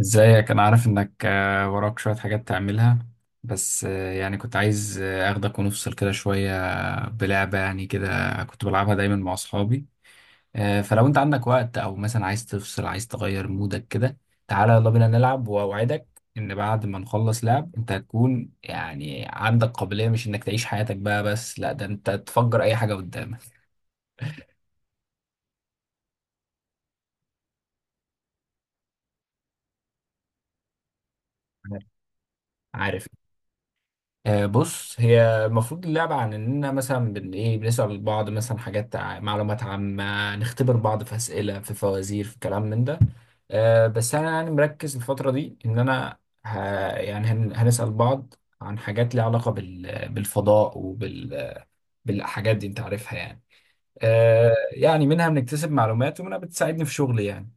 ازيك، انا عارف انك وراك شوية حاجات تعملها. بس يعني كنت عايز اخدك ونفصل كده شوية. بلعبة يعني كده، كنت بلعبها دايما مع اصحابي. فلو انت عندك وقت او مثلا عايز تفصل، عايز تغير مودك كده، تعالى يلا بينا نلعب، واوعدك ان بعد ما نخلص لعب انت هتكون يعني عندك قابلية مش انك تعيش حياتك بقى، بس لا ده انت تفجر اي حاجة قدامك. عارف، بص هي المفروض اللعبة عن إننا مثلا بن إيه بنسأل بعض مثلا حاجات معلومات عامة، نختبر بعض في أسئلة، في فوازير، في كلام من ده. بس أنا يعني مركز الفترة دي إن أنا ه... يعني هنسأل بعض عن حاجات ليها علاقة بالفضاء بالحاجات دي، أنت عارفها يعني. يعني منها بنكتسب معلومات ومنها بتساعدني في شغلي يعني.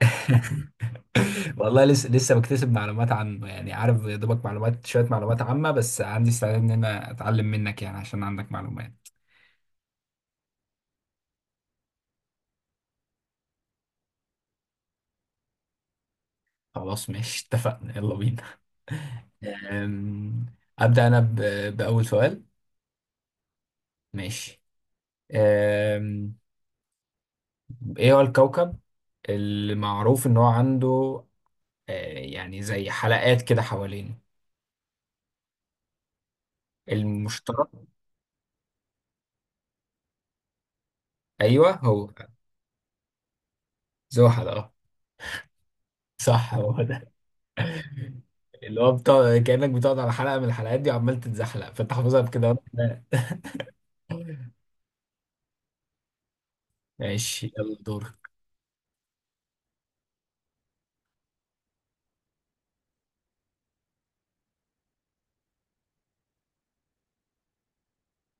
والله لسه بكتسب معلومات عنه، يعني عارف يا دوبك معلومات، شوية معلومات عامة، بس عندي استعداد إن أنا أتعلم منك يعني، عشان عندك معلومات. خلاص ماشي، اتفقنا، يلا بينا. أم، أبدأ أنا بأول سؤال. ماشي. أم، إيه هو الكوكب اللي معروف إن هو عنده آه، يعني زي حلقات كده حوالينه؟ المشتري؟ أيوه هو زحل، أه. صح هو اللي هو بتقعد كأنك بتقعد على حلقة من الحلقات دي وعمال تتزحلق، فانت حافظها بكده وأنت- لا. ماشي يلا دور.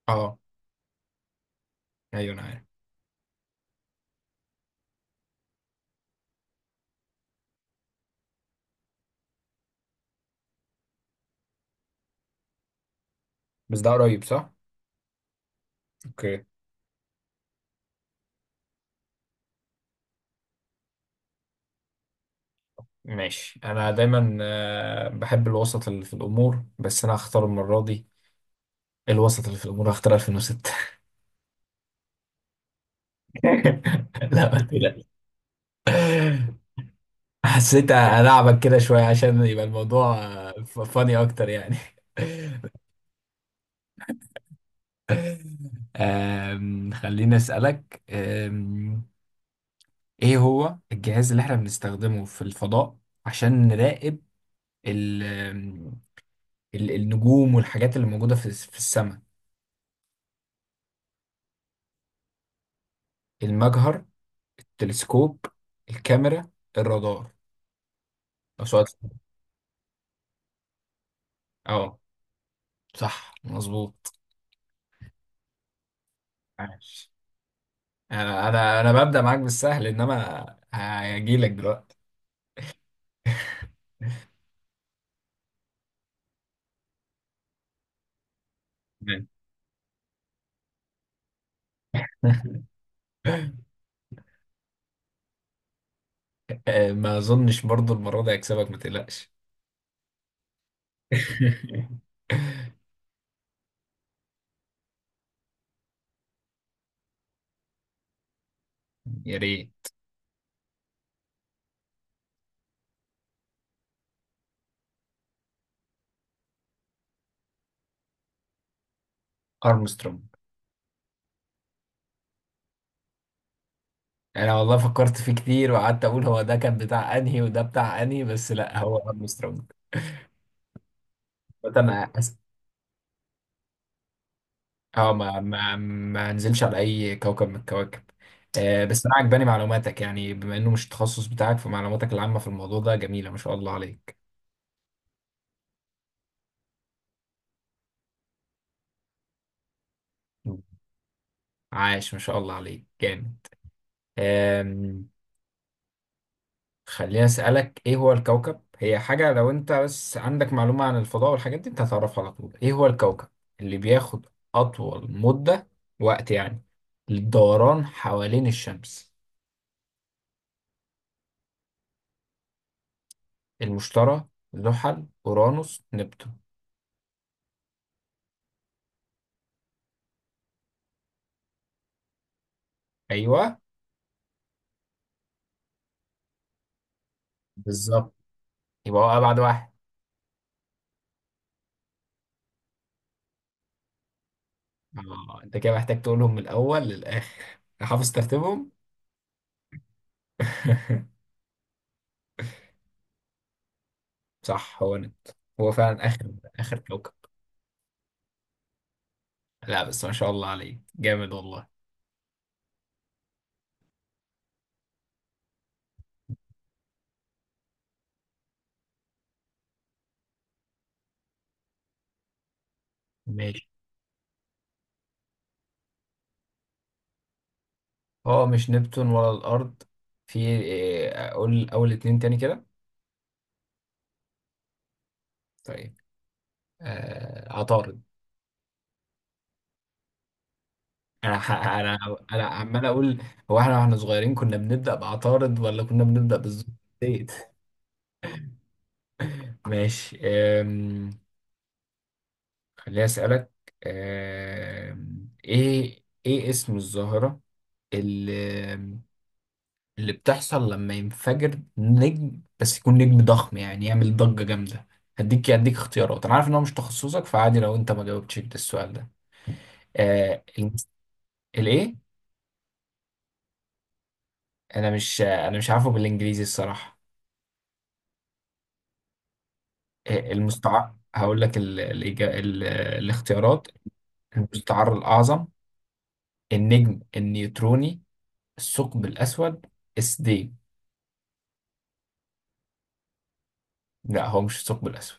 اه، ايوه انا عارف. بس ده قريب، صح؟ اوكي. ماشي، انا دايما بحب الوسط اللي في الامور، بس انا هختار المرة دي الوسط اللي في الامور، هختار 2006. لا ما تقلقش. حسيت ألعبك كده شوية عشان يبقى الموضوع فاني أكتر يعني. خليني أسألك، ايه هو الجهاز اللي احنا بنستخدمه في الفضاء عشان نراقب ال ال النجوم والحاجات اللي موجودة في السماء؟ المجهر، التلسكوب، الكاميرا، الرادار. لو سؤال سهل. اه، صح مظبوط. عاش، انا ببدأ معاك بالسهل، انما هجيلك دلوقتي. تمام. ما اظنش برضو المرة دي هكسبك، ما تقلقش. يا ريت. ارمسترونج. يعني انا والله فكرت فيه كتير، وقعدت اقول هو ده كان بتاع انهي وده بتاع انهي، بس لا هو ارمسترونج. بس انا اه، ما نزلش على اي كوكب من الكواكب. آه بس انا عجباني معلوماتك، يعني بما انه مش التخصص بتاعك، فمعلوماتك العامة في الموضوع ده جميلة، ما شاء الله عليك. مم. عاش، ما شاء الله عليك جامد. آم، خليني اسالك، ايه هو الكوكب، هي حاجه لو انت بس عندك معلومه عن الفضاء والحاجات دي انت هتعرفها على طول. ايه هو الكوكب اللي بياخد اطول مده، وقت يعني، للدوران حوالين الشمس؟ المشتري، زحل، اورانوس، نبتون. ايوه، بالظبط، يبقى هو ابعد واحد. اه انت كده محتاج تقولهم من الاول للاخر، حافظ ترتيبهم. صح هو نبتون، هو فعلا اخر، اخر كوكب. لا بس ما شاء الله عليه جامد والله. ماشي. هو مش نبتون ولا الأرض. في إيه، أقول أول اتنين تاني كده. طيب، آه عطارد. أنا أنا عمال أقول، هو إحنا وإحنا صغيرين كنا بنبدأ بعطارد ولا كنا بنبدأ بالزبديت؟ ماشي، خليني أسألك، إيه اسم الظاهرة اللي اللي بتحصل لما ينفجر نجم، بس يكون نجم ضخم، يعني يعمل ضجة جامدة؟ هديك اختيارات، انا عارف ان هو مش تخصصك فعادي لو انت ما جاوبتش ده السؤال ده. آه المس- الايه؟ انا مش عارفه بالانجليزي الصراحة. آه المستعار، هقول لك الاختيارات: المستعر الاعظم، النجم النيوتروني، الثقب الاسود، السديم. لا هو مش الثقب الاسود.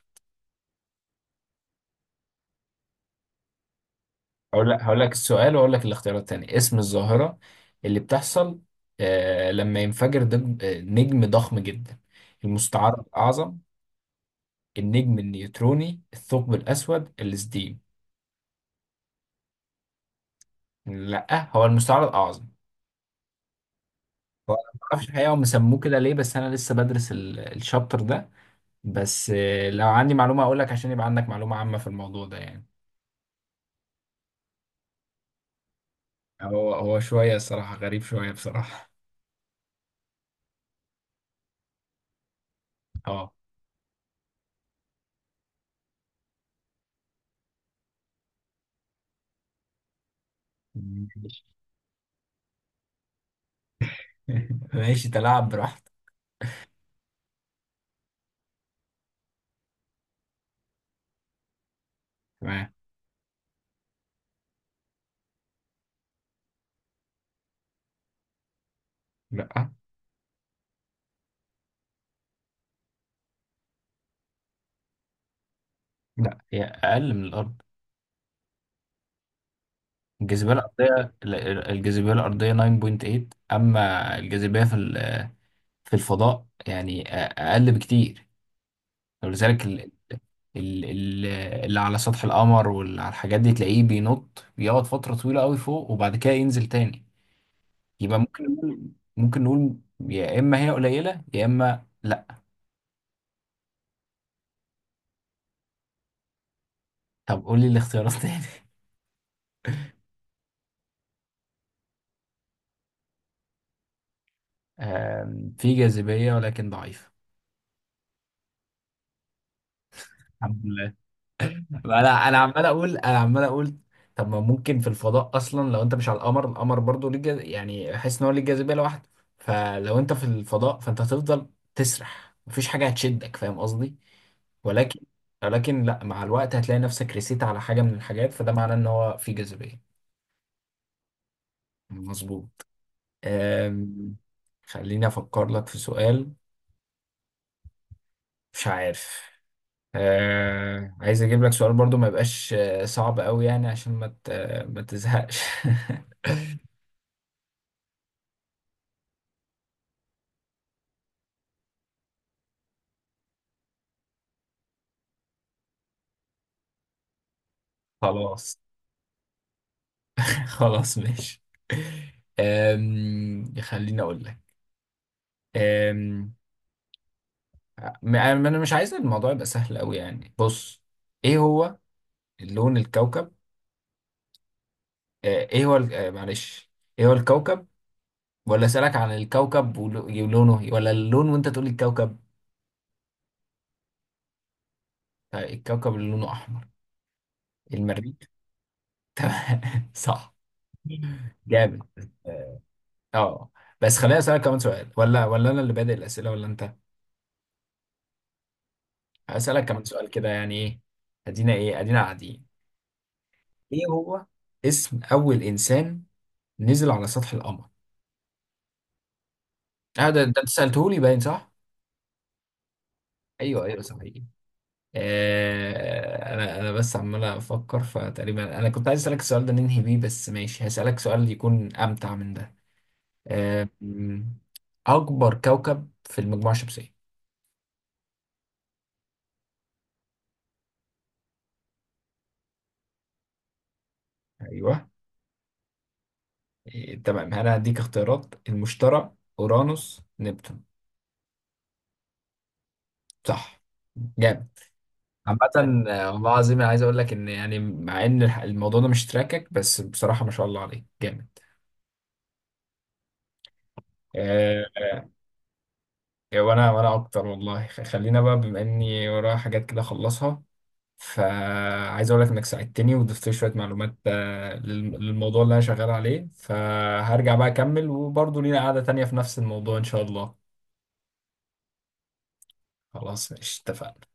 هقول لك السؤال واقول لك الاختيارات التانية. اسم الظاهرة اللي بتحصل آه لما ينفجر نجم ضخم جدا. المستعر الأعظم، النجم النيوتروني، الثقب الأسود، السديم. لا هو المستعر الأعظم. هو أنا ما اعرفش الحقيقة هم سموه كده ليه، بس أنا لسه بدرس الشابتر ده، بس آه لو عندي معلومة أقول لك عشان يبقى عندك معلومة عامة في الموضوع ده يعني. هو هو شوية الصراحة، غريب شوية بصراحة. اه، ماشي. ماشي تلاعب براحتك. تمام. لا، لا، هي اقل من الارض، الجاذبيه الارضيه. الجاذبيه الارضيه 9.8، اما الجاذبيه في الفضاء يعني اقل بكتير، ولذلك ال- اللي على سطح القمر واللي على الحاجات دي تلاقيه بينط، بيقعد فتره طويله قوي فوق وبعد كده ينزل تاني. يبقى ممكن نقول، ممكن نقول يا اما هي قليله يا اما لا. طب قول لي الاختيارات تاني. في جاذبيه ولكن ضعيفه. الحمد لله. انا عمال اقول. طب ما ممكن في الفضاء اصلا لو انت مش على القمر. القمر برضه ليه يعني احس ان هو ليه جاذبيه لوحده، فلو انت في الفضاء فانت هتفضل تسرح، مفيش حاجه هتشدك، فاهم قصدي؟ ولكن ولكن لا، مع الوقت هتلاقي نفسك رسيت على حاجه من الحاجات، فده معناه ان هو في جاذبيه. مظبوط. أم... خليني افكر لك في سؤال، مش عارف، آه عايز اجيب لك سؤال برضو ما يبقاش صعب قوي يعني عشان ما تزهقش. خلاص. خلاص ماشي. خليني اقول لك، آم، انا مش عايز الموضوع يبقى سهل قوي يعني. بص، ايه هو لون الكوكب، ايه هو معلش، ايه هو الكوكب، ولا اسالك عن الكوكب ولونه ولا اللون وانت تقول لي الكوكب؟ الكوكب اللي لونه احمر. المريخ. تمام صح. جامد. اه بس خليني اسالك كمان سؤال. ولا انا اللي بادئ الاسئله ولا انت؟ هسالك كمان سؤال كده، يعني ايه ادينا، ايه ادينا قاعدين. ايه هو اسم اول انسان نزل على سطح القمر؟ اه ده انت سالته لي، باين صح. ايوه ايوه صحيح. آه انا بس عمال افكر، فتقريبا انا كنت عايز اسالك السؤال ده ننهي بيه، بس ماشي هسالك سؤال يكون امتع من ده. آه م- اكبر كوكب في المجموعه الشمسيه. ايوه، إيه، تمام انا هديك اختيارات: المشتري، اورانوس، نبتون. صح، جامد. عامة، والله العظيم أنا عايز اقول لك ان يعني مع ان الموضوع ده مش تراكك، بس بصراحة ما شاء الله عليك جامد. أه. وانا اكتر والله. خلينا بقى بما اني ورايا حاجات كده اخلصها، فعايز اقول لك انك ساعدتني وضفت لي شوية معلومات للموضوع اللي انا شغال عليه، فهرجع بقى اكمل، وبرضه لينا قعدة تانية في نفس الموضوع ان شاء الله. خلاص ماشي اتفقنا.